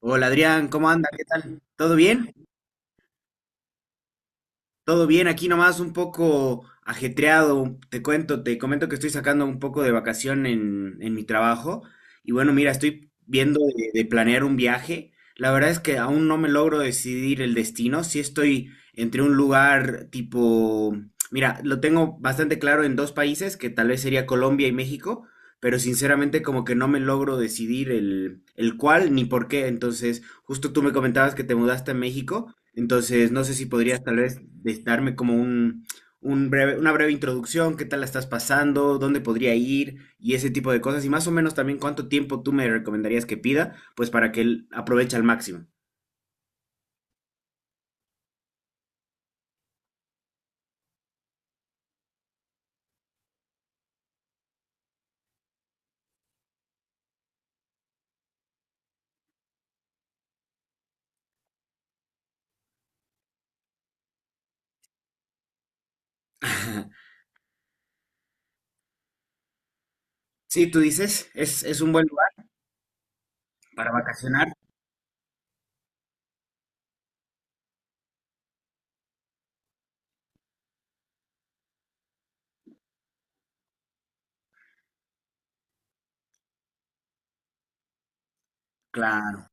Hola Adrián, ¿cómo anda? ¿Qué tal? ¿Todo bien? Todo bien, aquí nomás un poco ajetreado. Te cuento, te comento que estoy sacando un poco de vacación en mi trabajo. Y bueno, mira, estoy viendo de planear un viaje. La verdad es que aún no me logro decidir el destino. Sí estoy entre un lugar tipo, mira, lo tengo bastante claro en dos países, que tal vez sería Colombia y México, pero sinceramente como que no me logro decidir el cuál ni por qué. Entonces, justo tú me comentabas que te mudaste a México. Entonces, no sé si podrías tal vez darme como un breve, una breve introducción, qué tal la estás pasando, dónde podría ir y ese tipo de cosas. Y más o menos también cuánto tiempo tú me recomendarías que pida, pues para que él aproveche al máximo. Sí, tú dices, es un buen lugar para vacacionar. Claro, claro.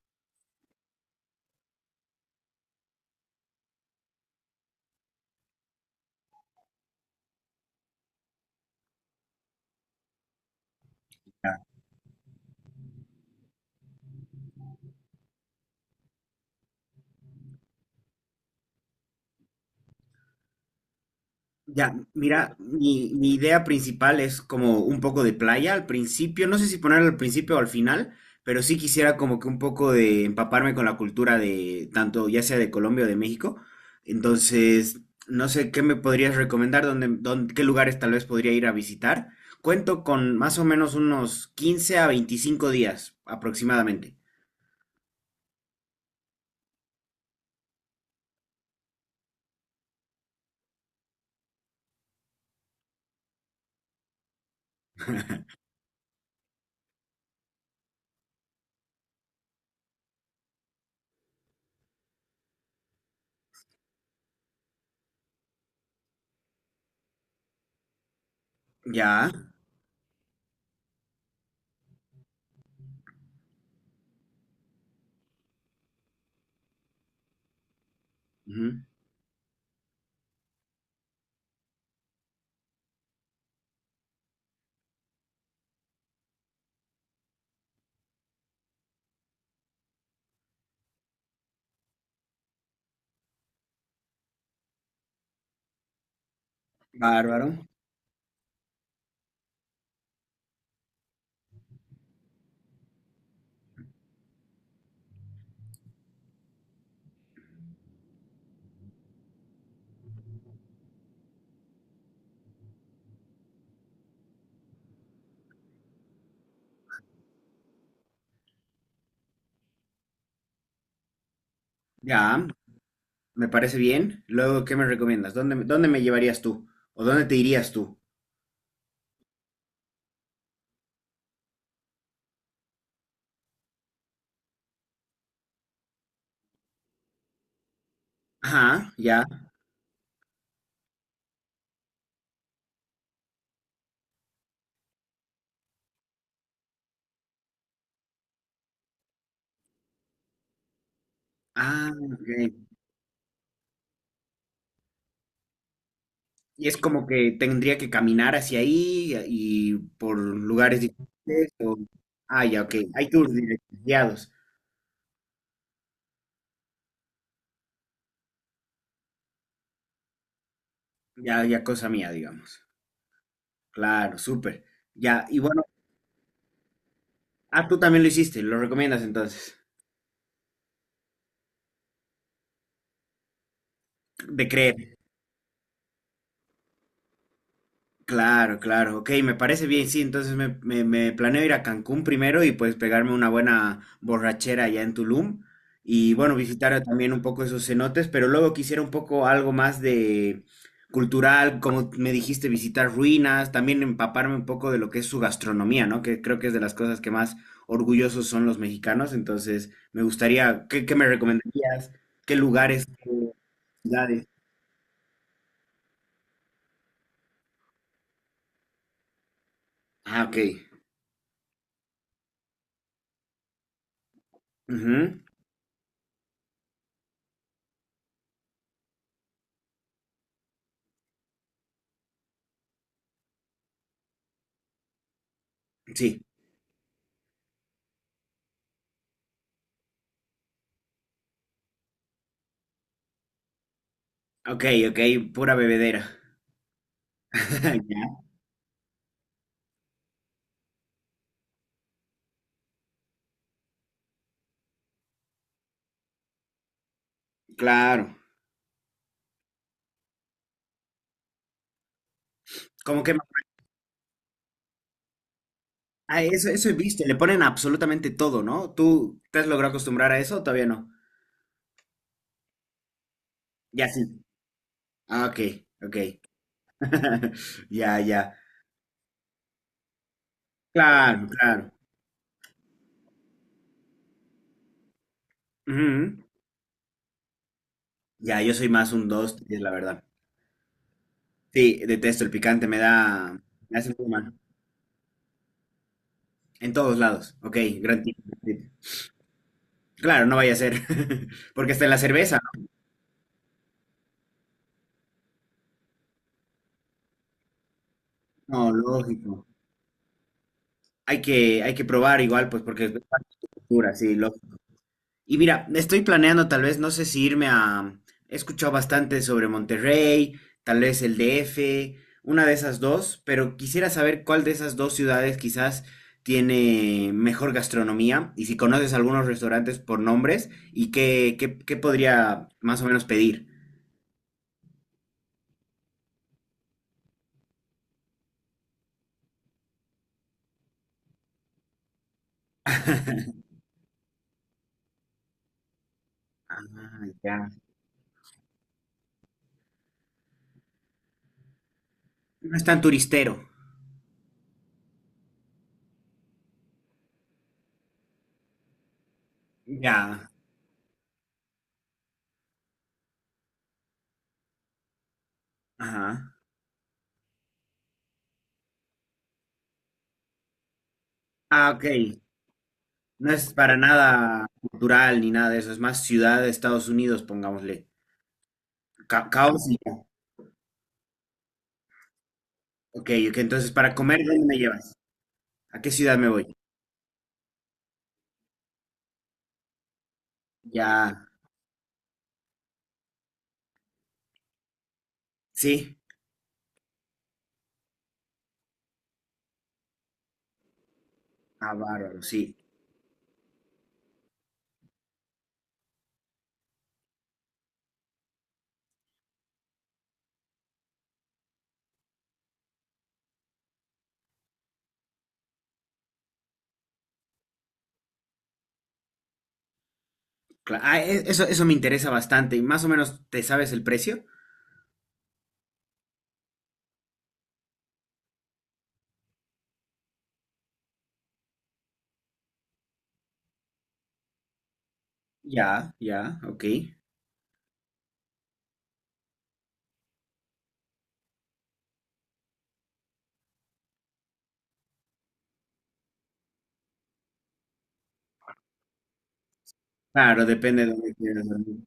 Ya, mira, mi idea principal es como un poco de playa al principio, no sé si ponerlo al principio o al final, pero sí quisiera como que un poco de empaparme con la cultura de tanto ya sea de Colombia o de México. Entonces, no sé qué me podrías recomendar, dónde, qué lugares tal vez podría ir a visitar. Cuento con más o menos unos quince a veinticinco días aproximadamente. Ya, ujú. Bárbaro. Ya, me parece bien. Luego, ¿qué me recomiendas? ¿Dónde, dónde me llevarías tú? ¿O dónde te irías tú? Ajá, ya. Ah, ok. Y es como que tendría que caminar hacia ahí y por lugares diferentes, ah, ya, ok. Hay tours directos, guiados. Ya, ya cosa mía, digamos. Claro, súper. Ya, y bueno, ah, tú también lo hiciste, lo recomiendas entonces. De creer. Claro, claro, ok, me parece bien, sí, entonces me, me planeo ir a Cancún primero y pues pegarme una buena borrachera allá en Tulum y bueno, visitar también un poco esos cenotes, pero luego quisiera un poco algo más de cultural, como me dijiste, visitar ruinas, también empaparme un poco de lo que es su gastronomía, ¿no? Que creo que es de las cosas que más orgullosos son los mexicanos, entonces me gustaría, ¿qué, qué me recomendarías? ¿Qué lugares, qué ciudades? Ah, ok. Ujú, sí. Ok, ok, pura bebedera. Ya, claro. Como que ah, eso he visto, le ponen absolutamente todo, ¿no? ¿Tú te has logrado acostumbrar a eso o todavía no? Ya sí. Ah, ok, ok. Ya, ya. Claro, claro. Ujú. Ya, yo soy más un dos, es la verdad. Sí, detesto el picante, me da, me hace muy mal. En todos lados. Ok, gran tip, gran tip. Claro, no vaya a ser. Porque está en la cerveza, ¿no? No, lógico. Hay que probar igual, pues, porque es pura, sí. Y mira, estoy planeando tal vez, no sé si irme a... He escuchado bastante sobre Monterrey, tal vez el DF, una de esas dos, pero quisiera saber cuál de esas dos ciudades quizás tiene mejor gastronomía y si conoces algunos restaurantes por nombres y qué, qué, qué podría más o menos pedir. Ah, ya. No es tan turistero. Ya. Ajá. Ah, ok. No es para nada cultural ni nada de eso, es más ciudad de Estados Unidos, pongámosle. Caos y ok, ok, entonces para comer, ¿dónde me llevas? ¿A qué ciudad me voy? Ya, sí, ah, bárbaro, sí. Ah, eso, eso me interesa bastante. ¿Y más o menos te sabes el precio? Ya, ya, ok. Claro, depende de dónde quieras dormir.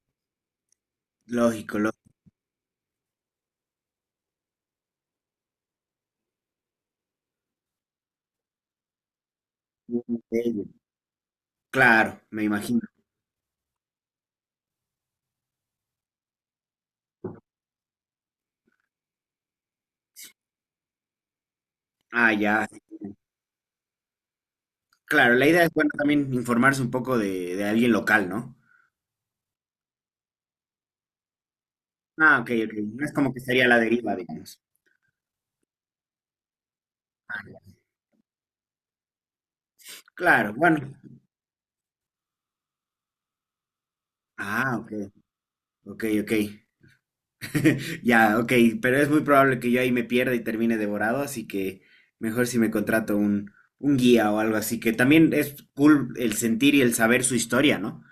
Lógico, lógico. Un hotel. Claro, me imagino. Ah, ya. Claro, la idea es, bueno, también informarse un poco de alguien local, ¿no? Ah, ok, ok. No es como que sería la deriva, digamos. Claro, bueno. Ah, ok, ok, ok. Ya, ok, pero es muy probable que yo ahí me pierda y termine devorado, así que mejor si me contrato un guía o algo así, que también es cool el sentir y el saber su historia, ¿no?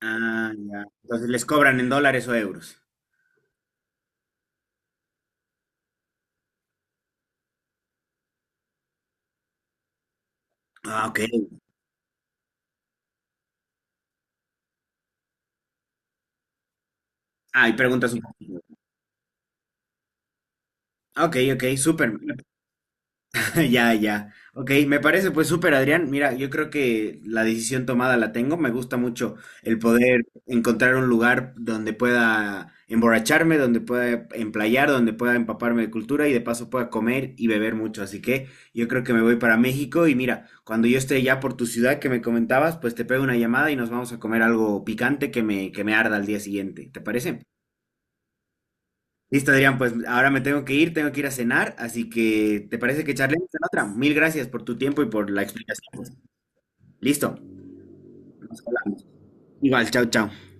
Ah, ya. Entonces les cobran en dólares o euros. Ah, ok. Ah, y preguntas un poquito. Ok, ok, súper. Ya, ya. Ok, me parece pues súper, Adrián. Mira, yo creo que la decisión tomada la tengo. Me gusta mucho el poder encontrar un lugar donde pueda emborracharme, donde pueda emplayar, donde pueda empaparme de cultura y de paso pueda comer y beber mucho. Así que yo creo que me voy para México y mira, cuando yo esté ya por tu ciudad que me comentabas, pues te pego una llamada y nos vamos a comer algo picante que me arda al día siguiente. ¿Te parece? Listo, Adrián, pues ahora me tengo que ir a cenar, así que ¿te parece que charlemos en otra? Mil gracias por tu tiempo y por la explicación. Listo, nos hablamos. Igual, chao, chao.